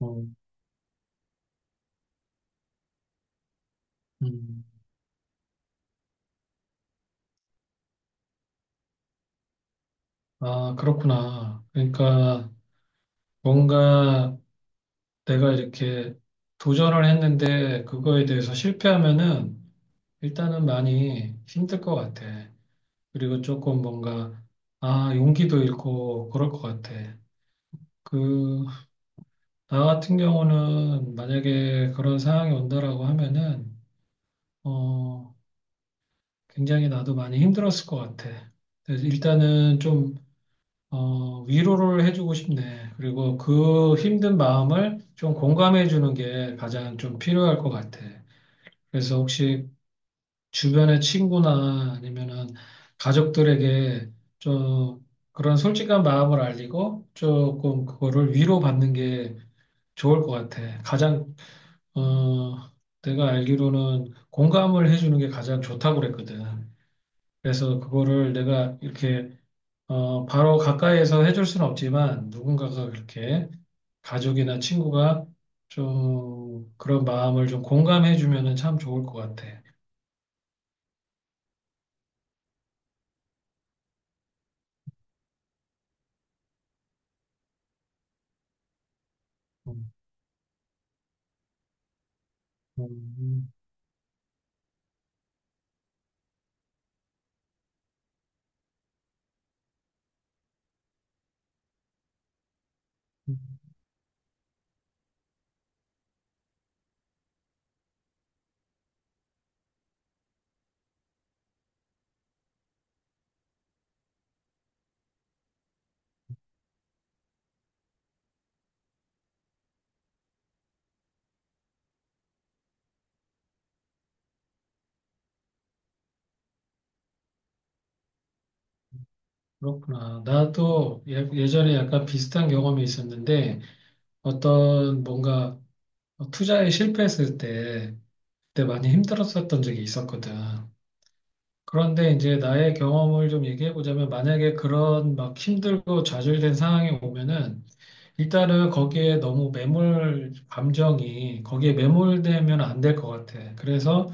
어, 음. 아, 그렇구나. 그러니까 뭔가 내가 이렇게 도전을 했는데 그거에 대해서 실패하면은 일단은 많이 힘들 것 같아. 그리고 조금 뭔가 아, 용기도 잃고 그럴 것 같아. 그, 나 같은 경우는 만약에 그런 상황이 온다라고 하면은 어, 굉장히 나도 많이 힘들었을 것 같아. 그래서 일단은 좀 위로를 해주고 싶네. 그리고 그 힘든 마음을 좀 공감해 주는 게 가장 좀 필요할 것 같아. 그래서 혹시 주변의 친구나 아니면은 가족들에게 좀 그런 솔직한 마음을 알리고 조금 그거를 위로받는 게 좋을 것 같아. 어, 내가 알기로는 공감을 해주는 게 가장 좋다고 그랬거든. 그래서 그거를 내가 이렇게 바로 가까이에서 해줄 수는 없지만 누군가가 그렇게 가족이나 친구가 좀 그런 마음을 좀 공감해 주면은 참 좋을 것 같아. 음, 음, 음, 음. 그렇구나. 나도 예전에 약간 비슷한 경험이 있었는데 어떤 뭔가 투자에 실패했을 때 그때 많이 힘들었었던 적이 있었거든. 그런데 이제 나의 경험을 좀 얘기해 보자면 만약에 그런 막 힘들고 좌절된 상황이 오면은 일단은 거기에 너무 매몰 감정이 거기에 매몰되면 안 될 것 같아. 그래서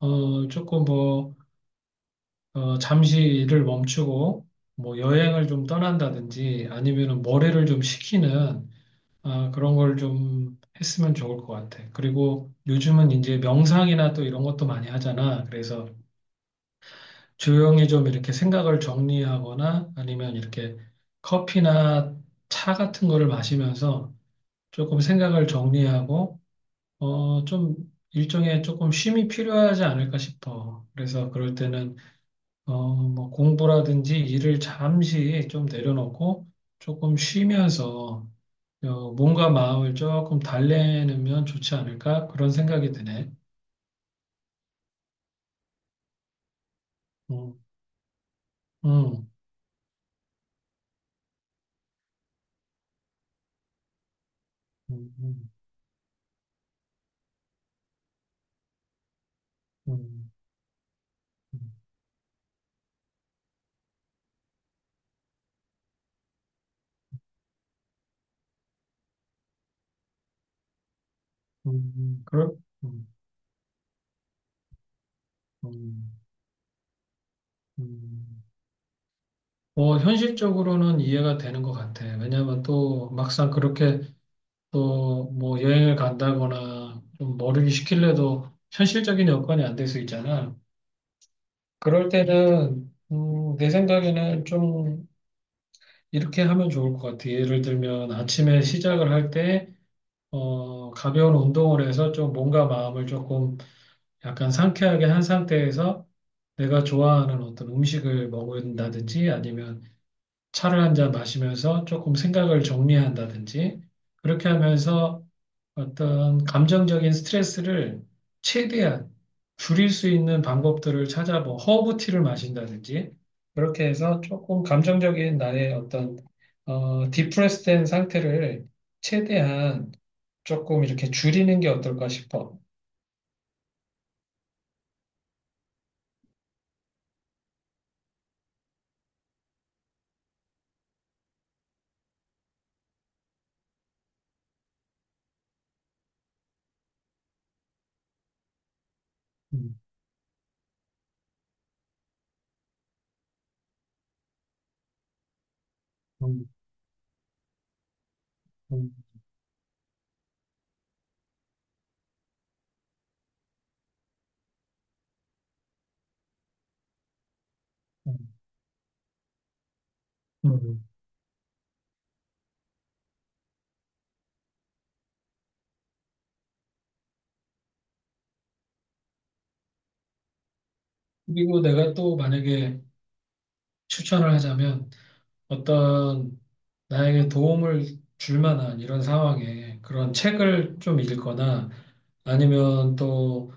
조금 뭐 잠시 일을 멈추고 뭐 여행을 좀 떠난다든지 아니면은 머리를 좀 식히는 그런 걸 좀 했으면 좋을 것 같아. 그리고 요즘은 이제 명상이나 또 이런 것도 많이 하잖아. 그래서 조용히 좀 이렇게 생각을 정리하거나 아니면 이렇게 커피나 차 같은 거를 마시면서 조금 생각을 정리하고 좀 일종의 조금 쉼이 필요하지 않을까 싶어. 그래서 그럴 때는 뭐 공부라든지 일을 잠시 좀 내려놓고 조금 쉬면서 몸과 마음을 조금 달래면 좋지 않을까? 그런 생각이 드네. 음, 음, 음, 음, 음, 음, 음, 음, 그럴, 음, 음, 음. 뭐 현실적으로는 이해가 되는 것 같아. 왜냐하면 또 막상 그렇게 또 뭐 여행을 간다거나 좀 머리를 식힐래도 현실적인 여건이 안 될 수 있잖아. 그럴 때는 내 생각에는 좀 이렇게 하면 좋을 것 같아. 예를 들면 아침에 시작을 할 때, 가벼운 운동을 해서 좀 몸과 마음을 조금 약간 상쾌하게 한 상태에서 내가 좋아하는 어떤 음식을 먹는다든지 아니면 차를 한 잔 마시면서 조금 생각을 정리한다든지 그렇게 하면서 어떤 감정적인 스트레스를 최대한 줄일 수 있는 방법들을 찾아 뭐 허브티를 마신다든지 그렇게 해서 조금 감정적인 나의 어떤 디프레스된 상태를 최대한 조금 이렇게 줄이는 게 어떨까 싶어. 음, 음, 음, 음, 음. 그리고 내가 또 만약에 추천을 하자면 어떤 나에게 도움을 줄 만한 이런 상황에 그런 책을 좀 읽거나 아니면 또,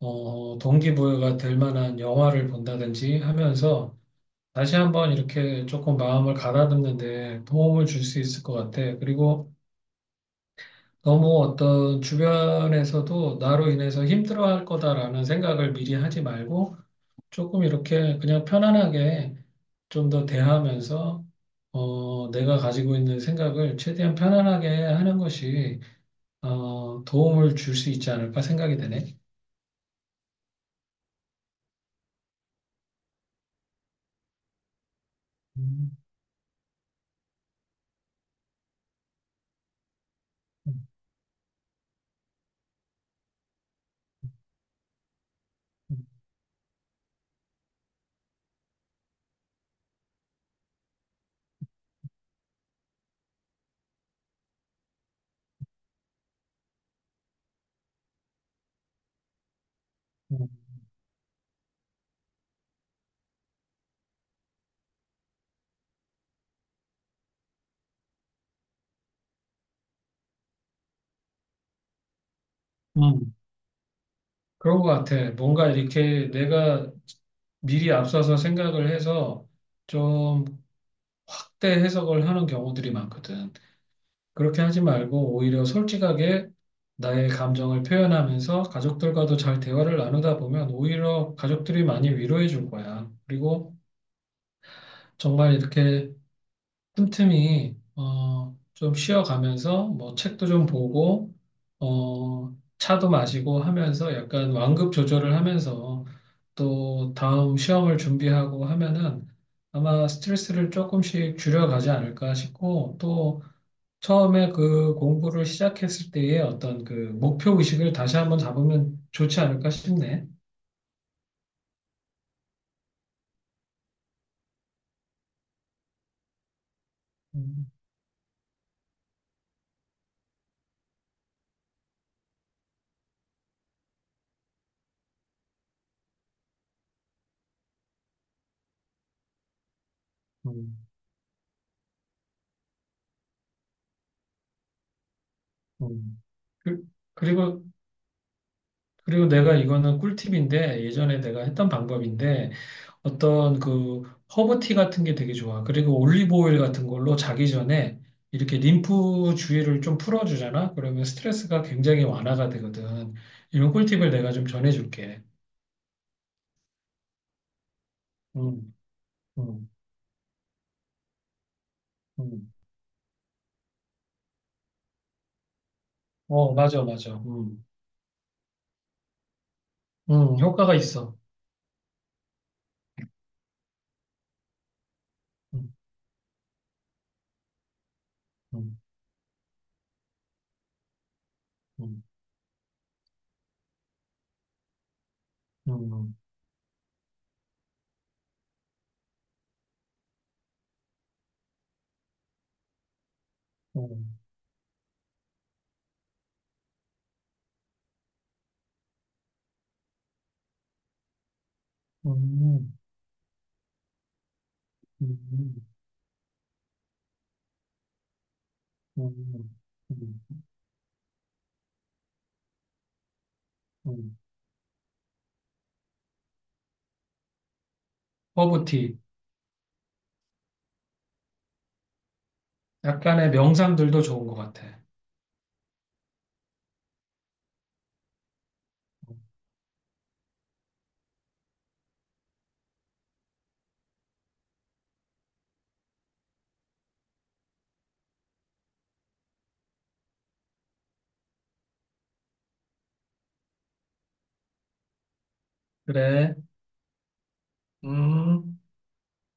동기부여가 될 만한 영화를 본다든지 하면서 다시 한번 이렇게 조금 마음을 가다듬는데 도움을 줄 수 있을 것 같아. 그리고 너무 어떤 주변에서도 나로 인해서 힘들어할 거다라는 생각을 미리 하지 말고 조금 이렇게 그냥 편안하게 좀 더 대하면서 내가 가지고 있는 생각을 최대한 편안하게 하는 것이 도움을 줄 수 있지 않을까 생각이 되네. 음, 음, 음. 음, 그런 것 같아. 뭔가 이렇게 내가 미리 앞서서 생각을 해서 좀 확대 해석을 하는 경우들이 많거든. 그렇게 하지 말고 오히려 솔직하게 나의 감정을 표현하면서 가족들과도 잘 대화를 나누다 보면 오히려 가족들이 많이 위로해 줄 거야. 그리고 정말 이렇게 틈틈이 좀 쉬어가면서 뭐 책도 좀 보고 차도 마시고 하면서 약간 완급 조절을 하면서 또 다음 시험을 준비하고 하면은 아마 스트레스를 조금씩 줄여가지 않을까 싶고 또 처음에 그 공부를 시작했을 때의 어떤 그 목표 의식을 다시 한번 잡으면 좋지 않을까 싶네. 음, 음, 음. 그, 그리고 그리고 내가 이거는 꿀팁인데 예전에 내가 했던 방법인데 어떤 그 허브티 같은 게 되게 좋아. 그리고 올리브 오일 같은 걸로 자기 전에 이렇게 림프 주위를 좀 풀어주잖아. 그러면 스트레스가 굉장히 완화가 되거든. 이런 꿀팁을 내가 좀 전해줄게. 음, 음, 음. 어, 맞아, 맞아. 효과가 있어. 음, 음, 음, 음, 음, 음, 음, 음, 음, 음. 음. 허브티. 약간의 명상들도 좋은 것 같아. 그래. 음.